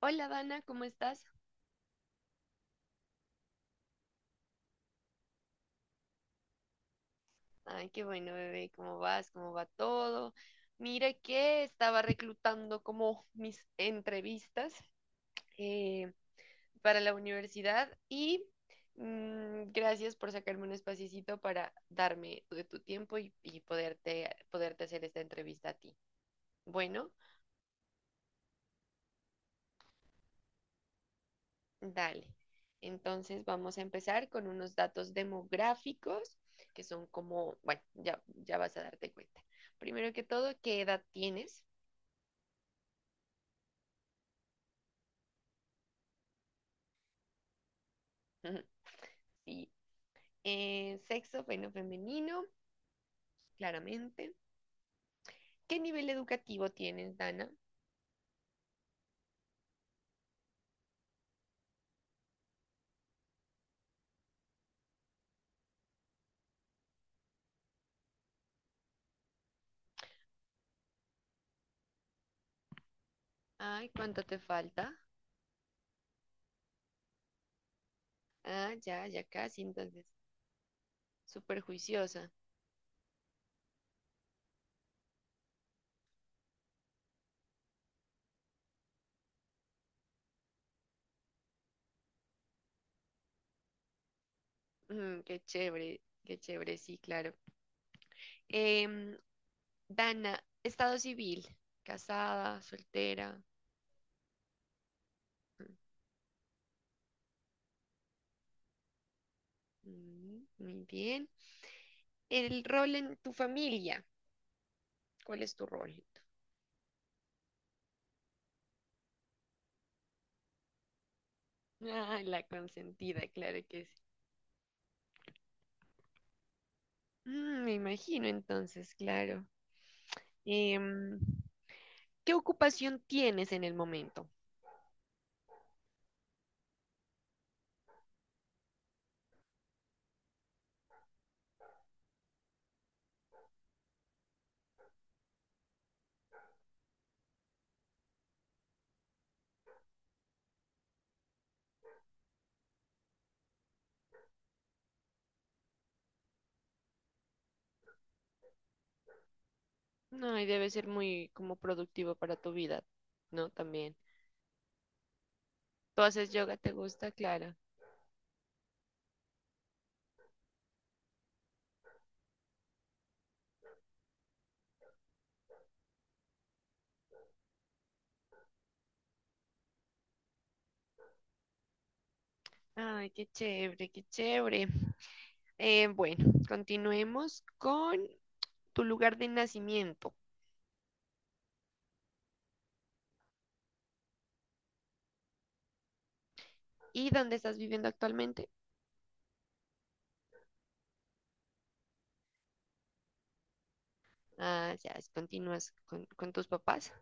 Hola Dana, ¿cómo estás? Ay, qué bueno, bebé, ¿cómo vas? ¿Cómo va todo? Mira que estaba reclutando como mis entrevistas eh, para la universidad y gracias por sacarme un espaciecito para darme de tu tiempo y poderte hacer esta entrevista a ti. Bueno, dale. Entonces vamos a empezar con unos datos demográficos que son como, bueno, ya vas a darte cuenta. Primero que todo, ¿qué edad tienes? Sí. Sexo, bueno, femenino, claramente. ¿Qué nivel educativo tienes, Dana? Ay, ¿cuánto te falta? Ah, ya, ya casi, entonces, súper juiciosa. Mm, qué chévere, sí, claro. Em, Dana, estado civil, casada, soltera. Mm, muy bien. El rol en tu familia, ¿cuál es tu rol? Ah, la consentida, claro que sí. Mm, me imagino entonces, claro. Em, ¿Qué ocupación tienes en el momento? No, y debe ser muy como productivo para tu vida, ¿no? También. ¿Tú haces yoga? ¿Te gusta, Clara? Ay, qué chévere, qué chévere. Bueno, continuemos con tu lugar de nacimiento y dónde estás viviendo actualmente. Ah, ya, continúas con tus papás.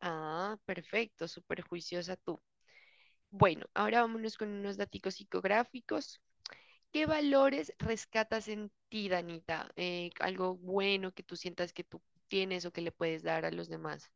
Ah, perfecto, súper juiciosa tú. Bueno, ahora vámonos con unos datos psicográficos. ¿Qué valores rescatas en ti, Danita? Algo bueno que tú sientas que tú tienes o que le puedes dar a los demás.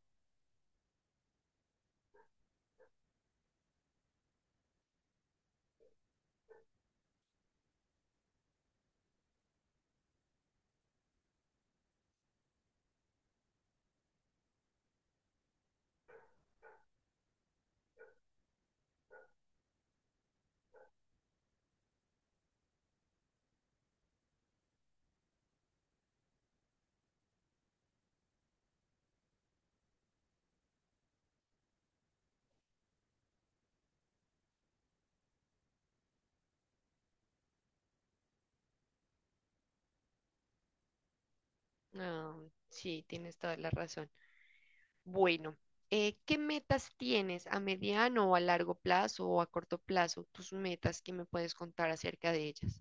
Ah, sí, tienes toda la razón. Bueno, ¿qué metas tienes a mediano o a largo plazo o a corto plazo? Tus metas, ¿qué me puedes contar acerca de ellas?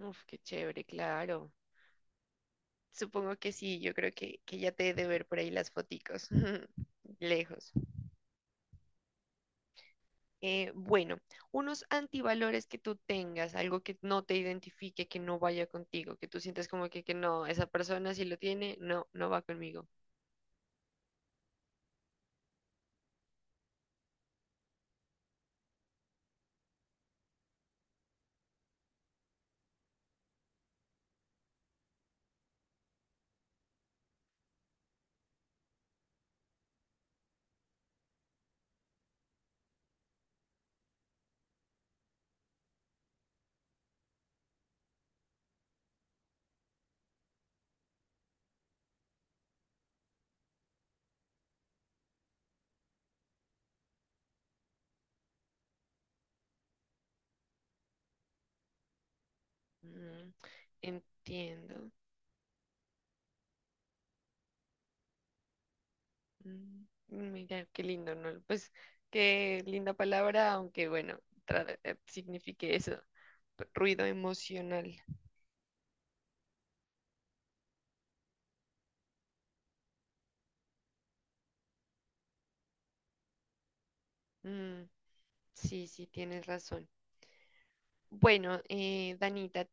Uf, qué chévere, claro. Supongo que sí, yo creo que ya te he de ver por ahí las foticos. Lejos. Bueno, unos antivalores que tú tengas, algo que no te identifique, que no vaya contigo, que tú sientas como que no, esa persona si lo tiene, no, no va conmigo. Mm, entiendo. Mm, mira, qué lindo, ¿no? Pues qué linda palabra, aunque bueno, signifique eso, ruido emocional. Mm, sí, sí, tienes razón. Bueno, Danita,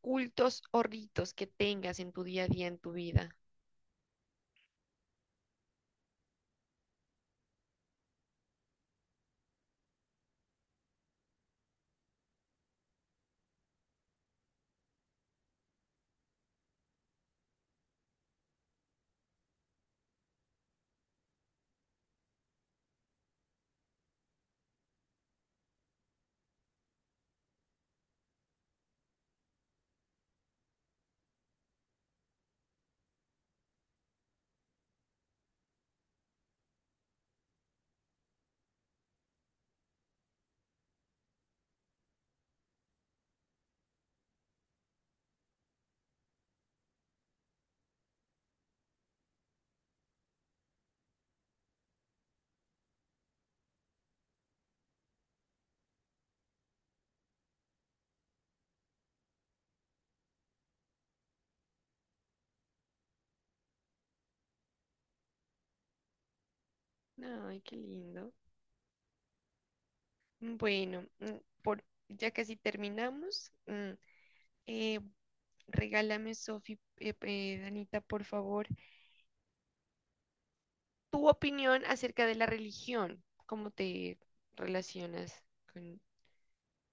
cultos o ritos que tengas en tu día a día, en tu vida. Ay, qué lindo. Mm, bueno, ya casi terminamos. Eh, regálame, Danita, por favor, tu opinión acerca de la religión. ¿Cómo te relacionas con,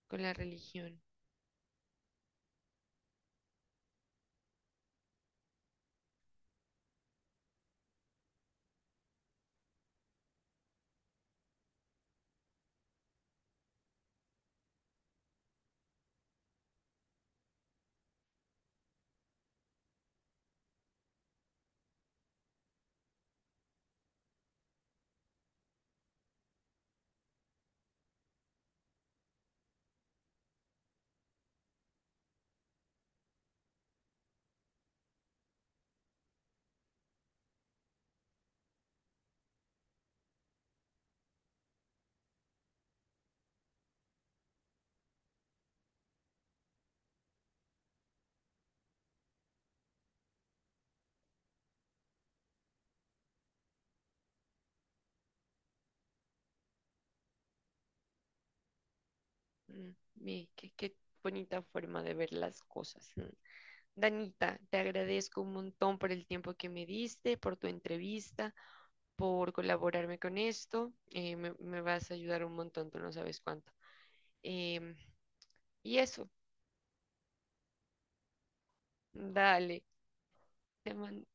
con la religión? Mm, ve, qué bonita forma de ver las cosas. Mm. Danita, te agradezco un montón por el tiempo que me diste, por tu entrevista, por colaborarme con esto. Eh, me vas a ayudar un montón, tú no sabes cuánto. Em, y eso, dale. te man-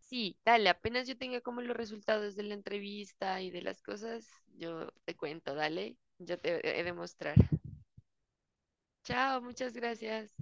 Sí, dale, apenas yo tenga como los resultados de la entrevista y de las cosas, yo te cuento, dale. Yo te he de mostrar. Chao, muchas gracias.